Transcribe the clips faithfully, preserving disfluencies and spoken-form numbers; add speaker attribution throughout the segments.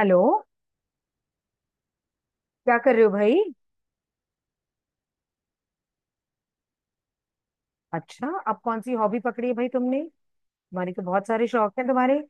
Speaker 1: Hello. क्या कर रहे हो भाई? अच्छा, अब कौन सी हॉबी पकड़ी है भाई तुमने? तुम्हारे तो बहुत सारे शौक हैं तुम्हारे।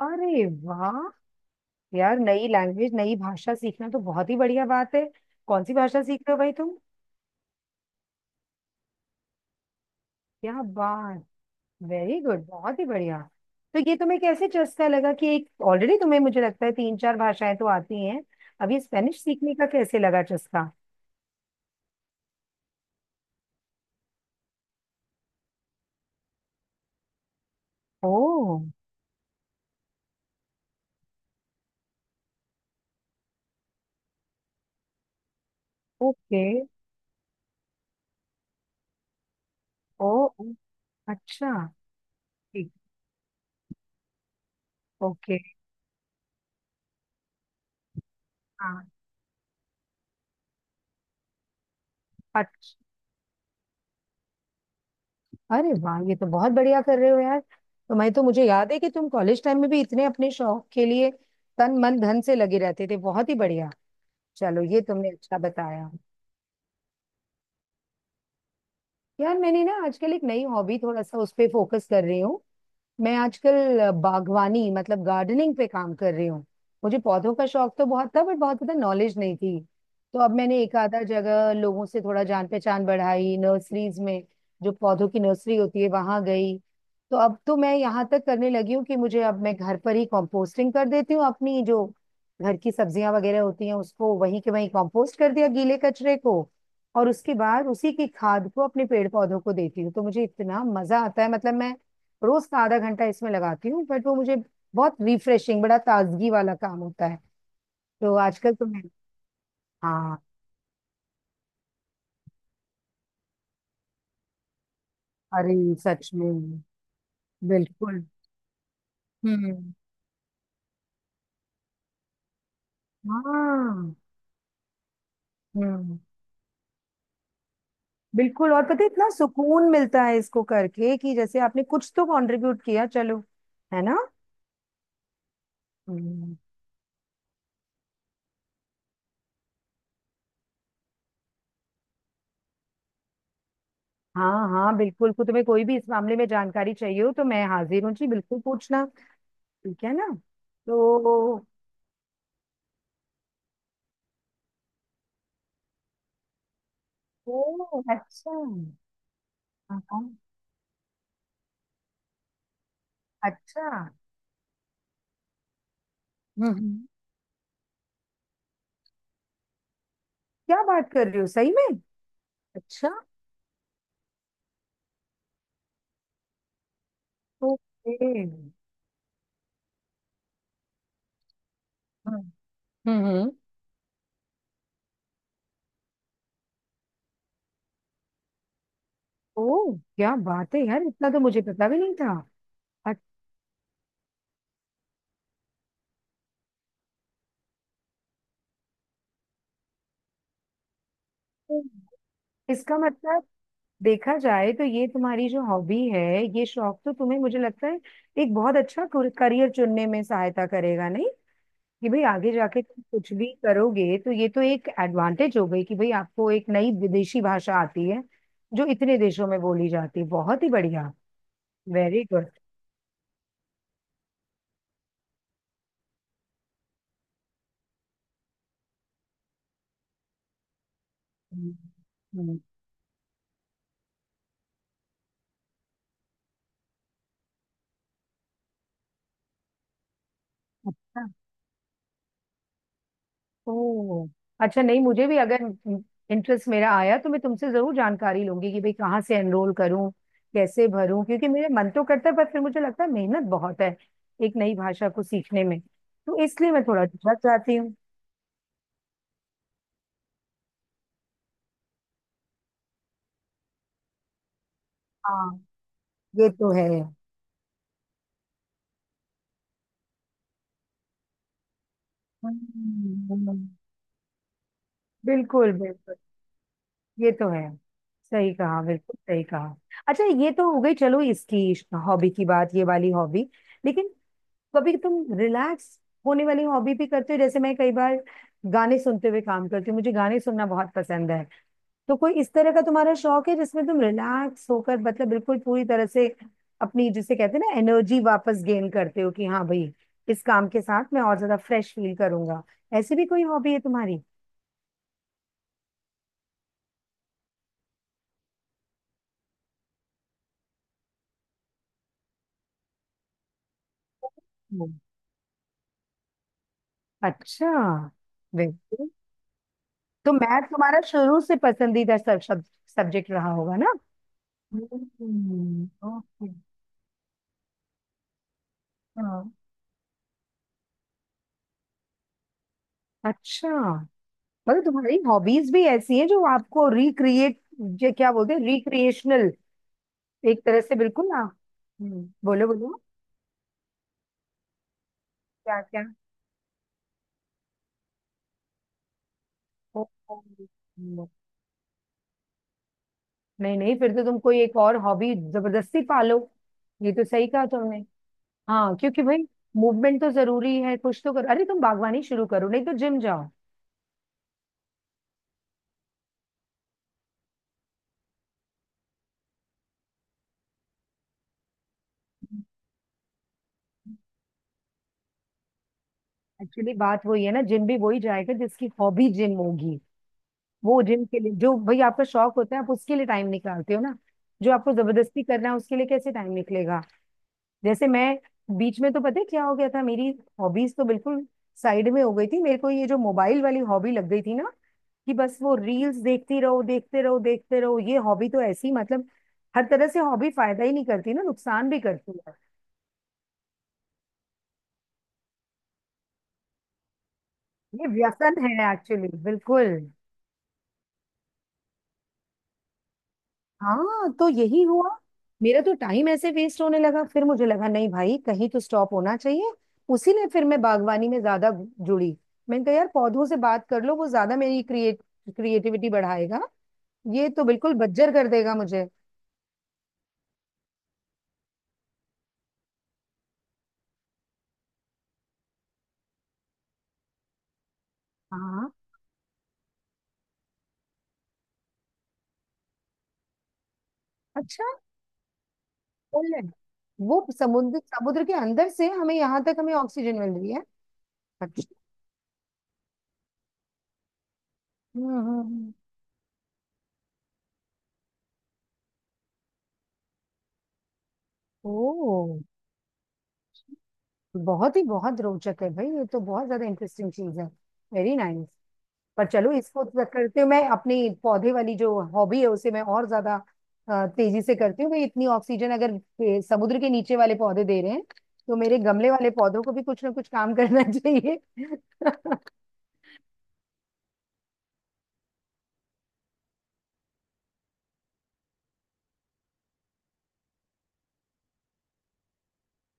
Speaker 1: अरे वाह! यार, नई लैंग्वेज, नई भाषा सीखना तो बहुत ही बढ़िया बात है। कौन सी भाषा सीख रहे हो भाई तुम? क्या बात! वेरी गुड, बहुत ही बढ़िया। तो ये तुम्हें कैसे चस्का लगा? कि एक ऑलरेडी तुम्हें, मुझे लगता है तीन चार भाषाएं तो आती हैं। अब ये स्पेनिश सीखने का कैसे लगा चस्का? ओ, ओके। ओ, ओ, अच्छा, ठीक, ओके। हाँ, अच्छा। अरे वाह, ये तो बहुत बढ़िया कर रहे हो यार। तो मैं, तो मुझे याद है कि तुम कॉलेज टाइम में भी इतने अपने शौक के लिए तन मन धन से लगे रहते थे, बहुत ही बढ़िया। चलो ये तुमने अच्छा बताया। यार मैंने ना आजकल एक नई हॉबी, थोड़ा सा उस पे फोकस कर रही हूँ। मैं आजकल बागवानी मतलब गार्डनिंग पे काम कर रही हूँ। मुझे पौधों का शौक तो बहुत था, बट बहुत ज्यादा नॉलेज नहीं थी। तो अब मैंने एक आधा जगह लोगों से थोड़ा जान पहचान बढ़ाई नर्सरीज में। जो पौधों की नर्सरी होती है वहां गई। तो अब तो मैं यहाँ तक करने लगी हूँ कि मुझे, अब मैं घर पर ही कंपोस्टिंग कर देती हूँ। अपनी जो घर की सब्जियां वगैरह होती हैं उसको वहीं के वहीं कंपोस्ट कर दिया, गीले कचरे को। और उसके बाद उसी की खाद को अपने पेड़ पौधों को देती हूँ। तो मुझे इतना मजा आता है, मतलब मैं रोज का आधा घंटा इसमें लगाती हूँ, बट वो मुझे बहुत रिफ्रेशिंग, बड़ा ताजगी वाला काम होता है। तो आजकल तो मैं, हाँ। अरे सच में! बिल्कुल। हम्म, हाँ। हम्म। बिल्कुल। और पता है इतना सुकून मिलता है इसको करके कि जैसे आपने कुछ तो कंट्रीब्यूट किया, चलो। है ना? हम्म, हाँ हाँ बिल्कुल। को तुम्हें कोई भी इस मामले में जानकारी चाहिए हो तो मैं हाजिर हूँ जी, बिल्कुल पूछना। ठीक है ना? तो। ओ, अच्छा हाँ। हाँ, अच्छा। हम्म हम्म, क्या बात कर रही हो सही में! अच्छा, ओके। हम्म हम्म। ओ क्या बात है यार, इतना तो मुझे पता भी नहीं था। अच्छा। इसका मतलब देखा जाए तो ये तुम्हारी जो हॉबी है, ये शौक तो तुम्हें, मुझे लगता है एक बहुत अच्छा करियर चुनने में सहायता करेगा, नहीं? कि भाई आगे जाके तुम कुछ भी करोगे तो ये तो एक एडवांटेज हो गई कि भाई आपको एक नई विदेशी भाषा आती है जो इतने देशों में बोली जाती है, बहुत ही बढ़िया। Very good. ओह, अच्छा। नहीं मुझे भी, अगर इंटरेस्ट मेरा आया तो मैं तुमसे जरूर जानकारी लूंगी कि भाई कहाँ से एनरोल करूँ, कैसे भरूँ। क्योंकि मेरे मन तो करता है, पर फिर मुझे लगता है मेहनत बहुत है एक नई भाषा को सीखने में, तो इसलिए मैं थोड़ा झिझक जाती हूँ। हाँ, ये तो है। हम्म, बिल्कुल बिल्कुल। ये तो है, सही कहा, बिल्कुल सही कहा। अच्छा, ये तो हो गई, चलो इसकी हॉबी की बात, ये वाली हॉबी। लेकिन कभी तुम रिलैक्स होने वाली हॉबी भी करते हो? जैसे मैं कई बार गाने सुनते हुए काम करती हूँ, मुझे गाने सुनना बहुत पसंद है। तो कोई इस तरह का तुम्हारा शौक है जिसमें तुम रिलैक्स होकर, मतलब बिल्कुल पूरी तरह से अपनी, जिसे कहते हैं ना, एनर्जी वापस गेन करते हो कि हाँ भाई, इस काम के साथ मैं और ज्यादा फ्रेश फील करूंगा? ऐसी भी कोई हॉबी है तुम्हारी? हम्म। अच्छा, बिल्कुल। तो मैथ तुम्हारा शुरू से पसंदीदा सब, सब, सब्जेक्ट रहा होगा ना? हम्म, ओके। हाँ, अच्छा। मतलब तुम्हारी हॉबीज भी ऐसी हैं जो आपको रिक्रिएट, ये क्या बोलते हैं, रिक्रिएशनल, एक तरह से बिल्कुल ना। हम्म, बोलो बोलो, क्या क्या? ओ, ओ, ओ। नहीं नहीं, फिर तो तुम कोई एक और हॉबी जबरदस्ती पालो। ये तो सही कहा तुमने। हाँ क्योंकि भाई मूवमेंट तो जरूरी है, कुछ तो करो। अरे तुम बागवानी शुरू करो, नहीं तो जिम जाओ। एक्चुअली बात वही है ना, जिम भी वही जाएगा जिसकी हॉबी जिम होगी। वो जिम के लिए, जो भाई आपका शौक होता है आप उसके लिए टाइम निकालते हो ना। जो आपको जबरदस्ती करना है उसके लिए कैसे टाइम निकलेगा? जैसे मैं बीच में, तो पता है क्या हो गया था, मेरी हॉबीज तो बिल्कुल साइड में हो गई थी, मेरे को ये जो मोबाइल वाली हॉबी लग गई थी ना कि बस वो रील्स देखती रहो, देखते रहो, देखते रहो। ये हॉबी तो ऐसी, मतलब हर तरह से हॉबी फायदा ही नहीं करती ना, नुकसान भी करती है। ये व्यसन है एक्चुअली, बिल्कुल। हाँ तो यही हुआ, मेरा तो टाइम ऐसे वेस्ट होने लगा। फिर मुझे लगा नहीं भाई, कहीं तो स्टॉप होना चाहिए। उसी ने, फिर मैं बागवानी में ज्यादा जुड़ी। मैंने कहा यार पौधों से बात कर लो, वो ज्यादा मेरी क्रिएट, क्रिएटिविटी बढ़ाएगा। ये तो बिल्कुल बज्जर कर देगा मुझे। हाँ, अच्छा। पोलैंड, वो समुद्र, समुद्र के अंदर से हमें यहाँ तक हमें ऑक्सीजन मिल रही है? अच्छा। हम्म हम्म हम्म। ओ, बहुत ही, बहुत रोचक है भाई, ये तो बहुत ज्यादा इंटरेस्टिंग चीज है। Very nice. पर चलो, इसको तो करते हुए मैं अपनी पौधे वाली जो हॉबी है उसे मैं और ज्यादा अ, तेजी से करती हूँ भाई। इतनी ऑक्सीजन अगर ए, समुद्र के नीचे वाले पौधे दे रहे हैं तो मेरे गमले वाले पौधों को भी कुछ ना कुछ काम करना चाहिए।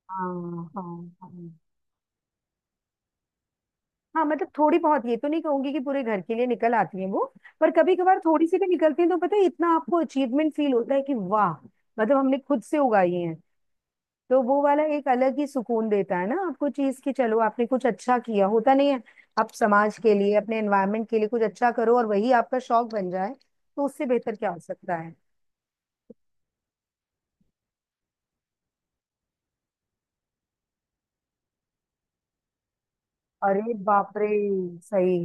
Speaker 1: हाँ हाँ। हाँ हाँ, मतलब थोड़ी बहुत, ये तो नहीं कहूंगी कि पूरे घर के लिए निकल आती है वो, पर कभी कभार थोड़ी सी भी निकलती है तो पता है इतना आपको अचीवमेंट फील होता है कि वाह, मतलब हमने खुद से उगाई है। तो वो वाला एक अलग ही सुकून देता है ना आपको चीज की, चलो आपने कुछ अच्छा किया, होता नहीं है, आप समाज के लिए, अपने एनवायरनमेंट के लिए कुछ अच्छा करो और वही आपका शौक बन जाए, तो उससे बेहतर क्या हो सकता है? अरे बाप रे! सही।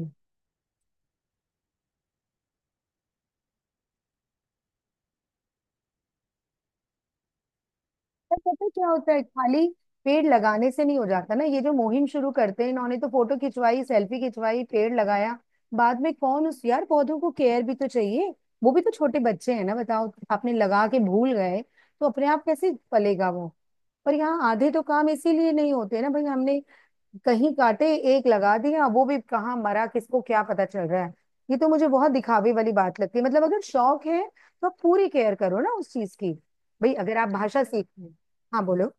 Speaker 1: पर पता है क्या होता है, खाली पेड़ लगाने से नहीं हो जाता ना। ये जो मुहिम शुरू करते हैं, इन्होंने तो फोटो खिंचवाई, सेल्फी खिंचवाई, पेड़ लगाया। बाद में कौन उस, यार पौधों को केयर भी तो चाहिए, वो भी तो छोटे बच्चे हैं ना, बताओ। आपने लगा के भूल गए तो अपने आप कैसे पलेगा वो? पर यहाँ आधे तो काम इसीलिए नहीं होते ना भाई, हमने कहीं काटे, एक लगा दिया, वो भी कहाँ मरा, किसको क्या पता चल रहा है। ये तो मुझे बहुत दिखावे वाली बात लगती है, मतलब अगर शौक है तो आप पूरी केयर करो ना उस चीज की। भाई अगर आप भाषा सीख रहे हो, हाँ बोलो।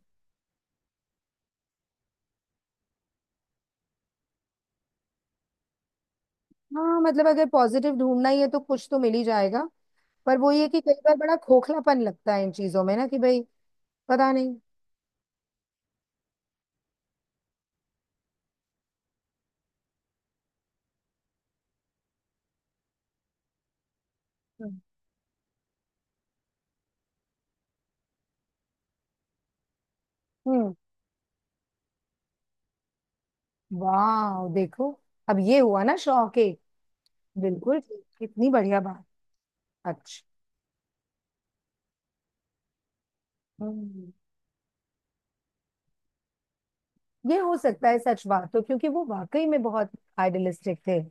Speaker 1: हाँ मतलब अगर पॉजिटिव ढूंढना ही है तो कुछ तो मिल ही जाएगा, पर वो ये कि कई बार बड़ा खोखलापन लगता है इन चीजों में ना कि भाई, पता नहीं। हम्म। हम्म, वाह देखो! अब ये हुआ ना शौक, एक बिल्कुल ठीक, कितनी बढ़िया बात। अच्छा। हम्म। ये हो सकता है सच बात, तो क्योंकि वो वाकई में बहुत आइडियलिस्टिक थे,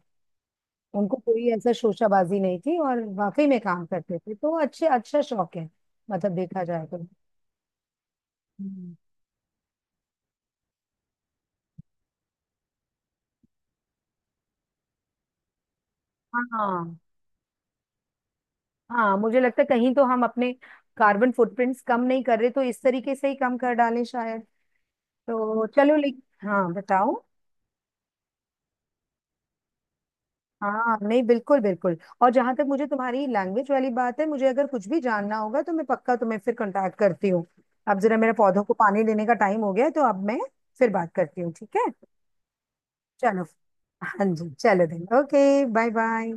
Speaker 1: उनको कोई ऐसा शोशाबाजी नहीं थी और वाकई में काम करते थे, तो अच्छे, अच्छा शौक है, मतलब देखा जाए तो। हम्म। हाँ हाँ, मुझे लगता है कहीं तो हम अपने कार्बन फुटप्रिंट्स कम नहीं कर रहे, तो इस तरीके से ही कम कर डालें शायद। तो चलो, लेकिन हाँ बताओ। हाँ, नहीं बिल्कुल बिल्कुल। और जहां तक मुझे तुम्हारी लैंग्वेज वाली बात है, मुझे अगर कुछ भी जानना होगा तो मैं पक्का तुम्हें फिर कांटेक्ट करती हूँ। अब जरा मेरा पौधों को पानी देने का टाइम हो गया है, तो अब मैं फिर बात करती हूँ, ठीक है? चलो। हाँ जी, चलो देन, ओके। Bye bye.